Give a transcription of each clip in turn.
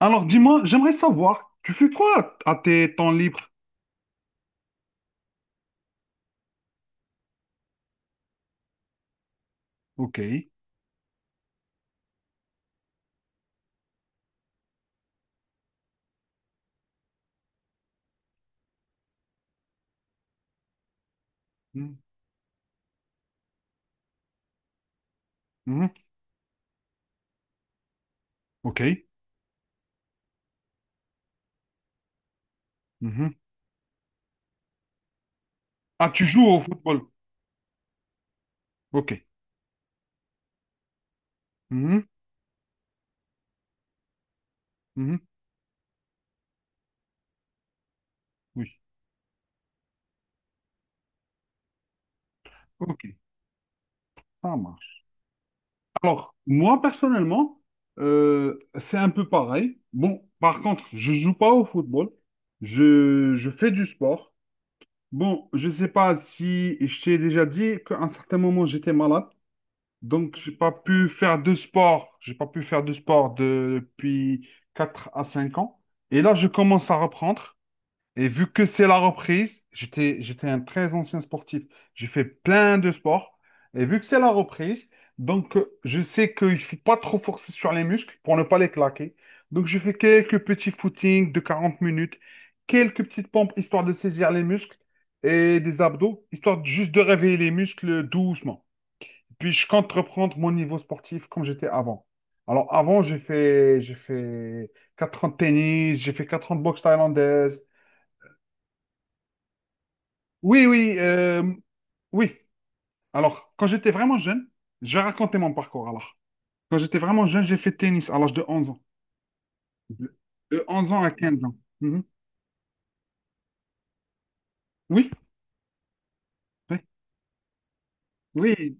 Alors, dis-moi, j'aimerais savoir, tu fais quoi à tes temps libres? Ok. Mhm. Mhm. Ok. Mhm. Ah, tu joues au football? Ok. Mhm. Mhm. Oui. Ok. Ça marche. Alors, moi, personnellement, c'est un peu pareil. Bon, par contre, je joue pas au football. Je fais du sport. Bon, je sais pas si je t'ai déjà dit qu'à un certain moment, j'étais malade. Donc, j'ai pas pu faire de sport. J'ai pas pu faire de sport depuis 4 à 5 ans. Et là, je commence à reprendre. Et vu que c'est la reprise, j'étais un très ancien sportif. J'ai fait plein de sports. Et vu que c'est la reprise, donc je sais qu'il ne faut pas trop forcer sur les muscles pour ne pas les claquer. Donc, je fais quelques petits footings de 40 minutes, quelques petites pompes histoire de saisir les muscles et des abdos, juste de réveiller les muscles doucement. Puis je compte reprendre mon niveau sportif comme j'étais avant. Alors avant, j'ai fait 4 ans de tennis, j'ai fait 4 ans de boxe thaïlandaise. Oui, oui, oui. Alors, quand j'étais vraiment jeune, je vais raconter mon parcours. Alors, quand j'étais vraiment jeune, j'ai fait tennis à l'âge de 11 ans. De 11 ans à 15 ans. Mhm. Oui, oui, oui.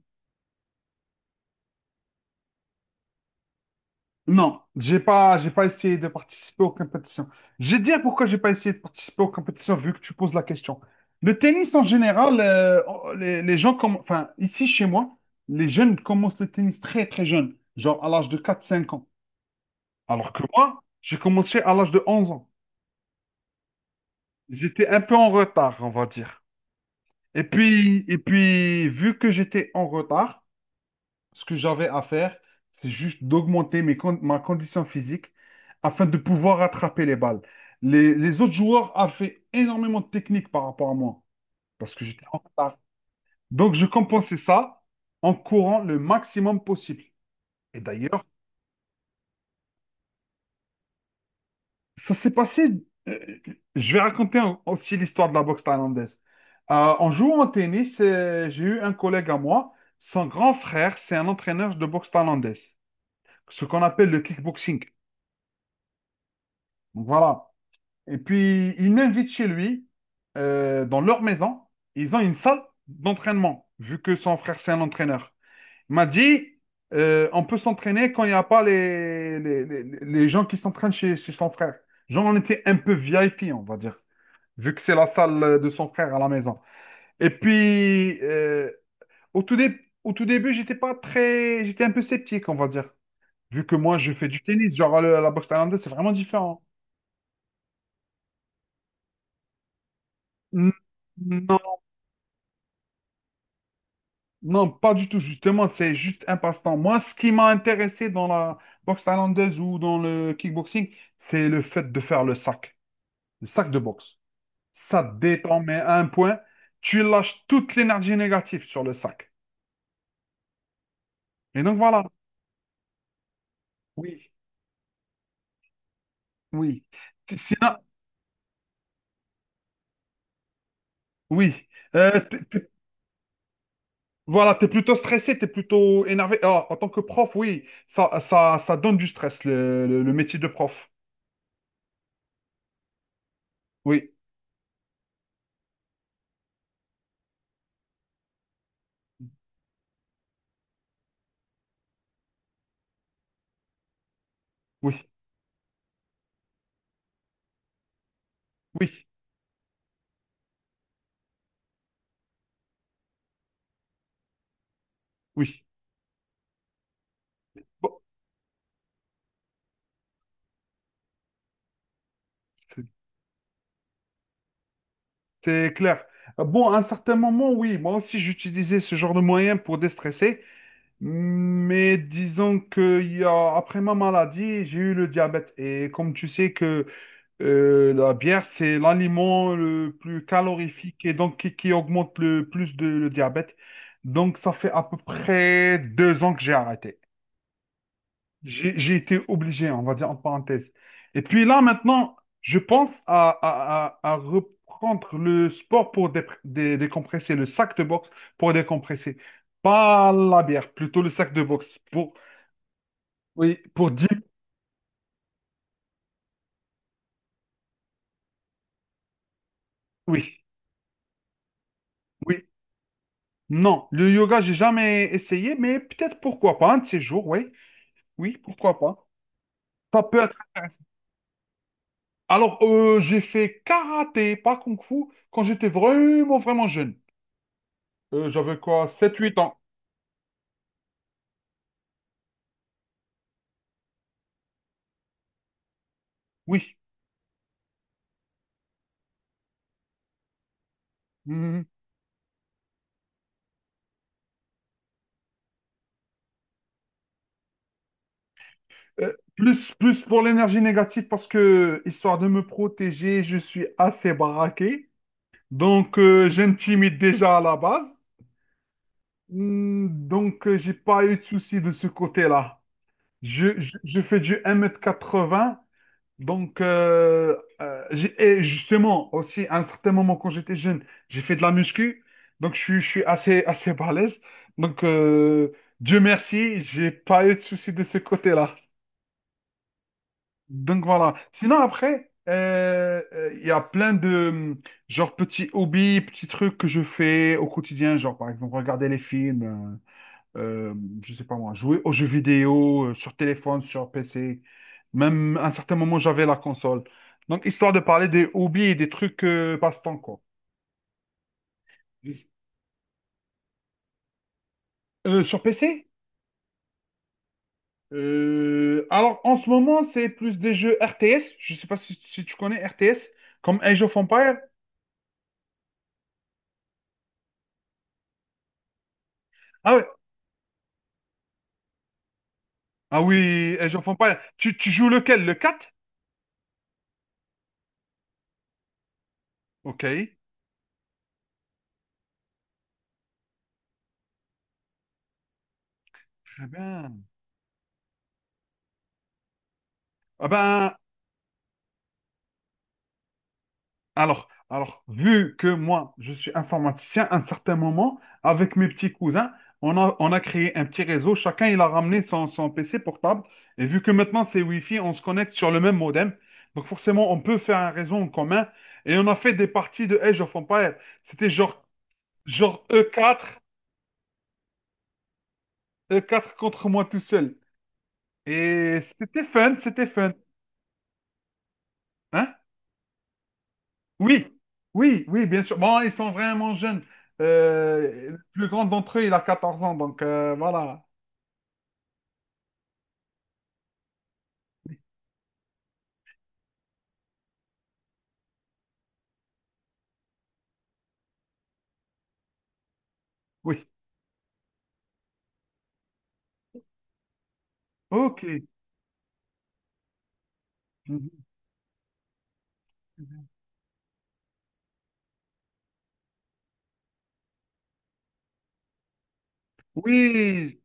Non, j'ai pas essayé de participer aux compétitions. Je vais te dire pourquoi j'ai pas essayé de participer aux compétitions vu que tu poses la question. Le tennis en général, les gens comme, enfin, ici chez moi, les jeunes commencent le tennis très très jeune, genre à l'âge de 4 5 ans. Alors que moi, j'ai commencé à l'âge de 11 ans. J'étais un peu en retard, on va dire. Et puis, vu que j'étais en retard, ce que j'avais à faire, c'est juste d'augmenter ma condition physique afin de pouvoir attraper les balles. Les autres joueurs avaient énormément de technique par rapport à moi parce que j'étais en retard. Donc, je compensais ça en courant le maximum possible. Et d'ailleurs, ça s'est passé. euh, je vais raconter aussi l'histoire de la boxe thaïlandaise. En jouant au tennis, j'ai eu un collègue à moi. Son grand frère, c'est un entraîneur de boxe thaïlandaise, ce qu'on appelle le kickboxing. Voilà. Et puis, il m'invite chez lui, dans leur maison. Ils ont une salle d'entraînement, vu que son frère, c'est un entraîneur. Il m'a dit, on peut s'entraîner quand il n'y a pas les gens qui s'entraînent chez son frère. Genre, on était un peu VIP, on va dire, vu que c'est la salle de son frère à la maison. Et puis, au tout dé- au tout début, j'étais pas très. J'étais un peu sceptique, on va dire. Vu que moi, je fais du tennis, genre la boxe thaïlandaise, c'est vraiment différent. Non, non, pas du tout, justement, c'est juste un passe-temps. Moi, ce qui m'a intéressé dans la boxe thaïlandaise ou dans le kickboxing, c'est le fait de faire le sac de boxe. Ça te détend, mais à un point, tu lâches toute l'énergie négative sur le sac. Et donc voilà, oui, oui. Sinon, oui. Euh, t- t- voilà, tu es plutôt stressé, tu es plutôt énervé. Ah, en tant que prof, oui, ça donne du stress, le métier de prof. Oui, oui, oui, oui. Bon. C'est clair. Bon, à un certain moment, oui, moi aussi j'utilisais ce genre de moyens pour déstresser, mais disons que après ma maladie, j'ai eu le diabète. Et comme tu sais que la bière, c'est l'aliment le plus calorifique et donc qui augmente le plus de, le diabète. Donc ça fait à peu près 2 ans que j'ai arrêté. J'ai été obligé, on va dire entre parenthèses. Et puis là, maintenant, je pense à reprendre le sport pour décompresser, le sac de boxe pour décompresser. Pas la bière, plutôt le sac de boxe. Pour, oui, pour dire oui, oui. Non, le yoga, j'ai jamais essayé, mais peut-être pourquoi pas, un de ces jours, oui. Oui, pourquoi pas. Ça peut être intéressant. Alors, j'ai fait karaté, pas kung fu, quand j'étais vraiment, vraiment jeune. J'avais quoi, 7 8 ans. Oui. Mhm. Plus, plus pour l'énergie négative parce que, histoire de me protéger, je suis assez baraqué. Donc, j'intimide déjà à la base. Donc, j'ai pas eu de souci de ce côté-là. Je fais du 1,80 m. Donc, et justement, aussi, à un certain moment, quand j'étais jeune, j'ai fait de la muscu. Donc, je suis assez, assez balèze. Donc, Dieu merci, j'ai pas eu de souci de ce côté-là. Donc voilà. Sinon après, il y a plein de hum, genre petits hobbies, petits trucs que je fais au quotidien, genre par exemple regarder les films, euh, euh, je sais pas moi, jouer aux jeux vidéo sur téléphone, sur PC. Même à un certain moment j'avais la console. Donc histoire de parler des hobbies et des trucs passe-temps quoi. Sur PC? Alors en ce moment c'est plus des jeux RTS. Je sais pas si tu connais RTS comme Age of Empires. Ah ouais, ah oui, et j'en fais pas. Tu joues lequel? Le 4? Ok. Très bien. Ah ben, vu que moi, je suis informaticien, à un certain moment, avec mes petits cousins, on a créé un petit réseau. Chacun, il a ramené son PC portable. Et vu que maintenant, c'est Wi-Fi, on se connecte sur le même modem. Donc forcément, on peut faire un réseau en commun. Et on a fait des parties de Age of Empires. C'était genre e quatre contre moi tout seul. Et c'était fun, c'était fun. Hein, oui, oui, oui, bien sûr. Bon, ils sont vraiment jeunes. Le plus grand d'entre eux, il a 14 ans, donc voilà. Oui, ok. Mhm. Oui.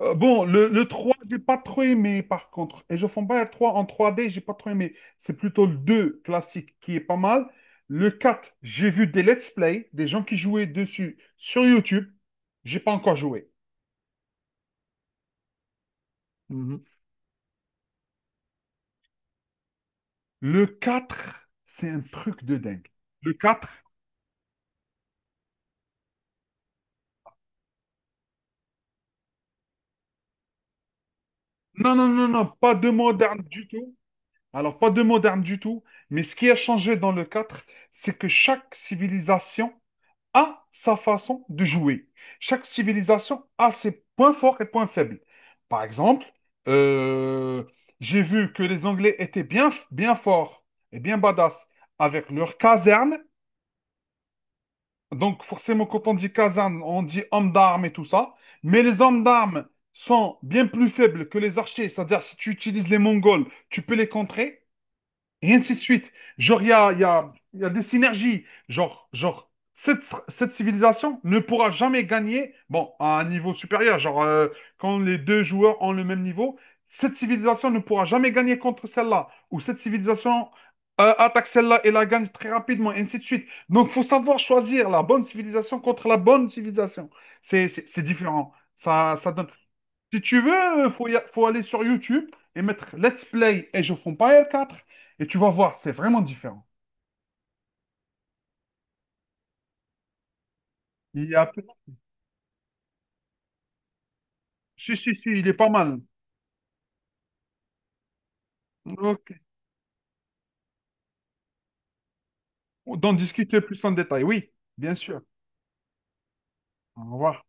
Bon, le 3 j'ai pas trop aimé, par contre. Et je fonds pas le 3 en trois d j'ai pas trop aimé. C'est plutôt le 2 classique qui est pas mal. Le 4, j'ai vu des let's play, des gens qui jouaient dessus sur YouTube. J'ai pas encore joué. Mhm. Le 4, c'est un truc de dingue. Le 4. Non, non, non, non, pas de moderne du tout. Alors, pas de moderne du tout. Mais ce qui a changé dans le quatre, c'est que chaque civilisation a sa façon de jouer. Chaque civilisation a ses points forts et points faibles. Par exemple, euh, j'ai vu que les Anglais étaient bien, bien forts et bien badass avec leur caserne. Donc, forcément, quand on dit caserne, on dit homme d'armes et tout ça. Mais les hommes d'armes sont bien plus faibles que les archers. C'est-à-dire, si tu utilises les Mongols, tu peux les contrer. Et ainsi de suite. Genre, il y a, il y a- il y a des synergies. Genre, cette, cette civilisation ne pourra jamais gagner, bon, à un niveau supérieur. Genre, quand les 2 joueurs ont le même niveau, cette civilisation ne pourra jamais gagner contre celle-là. Ou cette civilisation attaque celle-là et la gagne très rapidement, et ainsi de suite. Donc, il faut savoir choisir la bonne civilisation contre la bonne civilisation. C'est différent. Ça donne. Si tu veux, faut, faut aller sur YouTube et mettre Let's Play Age of Empires 4 et tu vas voir, c'est vraiment différent. Il y a. Si, si, si, il est pas mal. Ok. D'en discuter plus en détail, oui, bien sûr. Au revoir.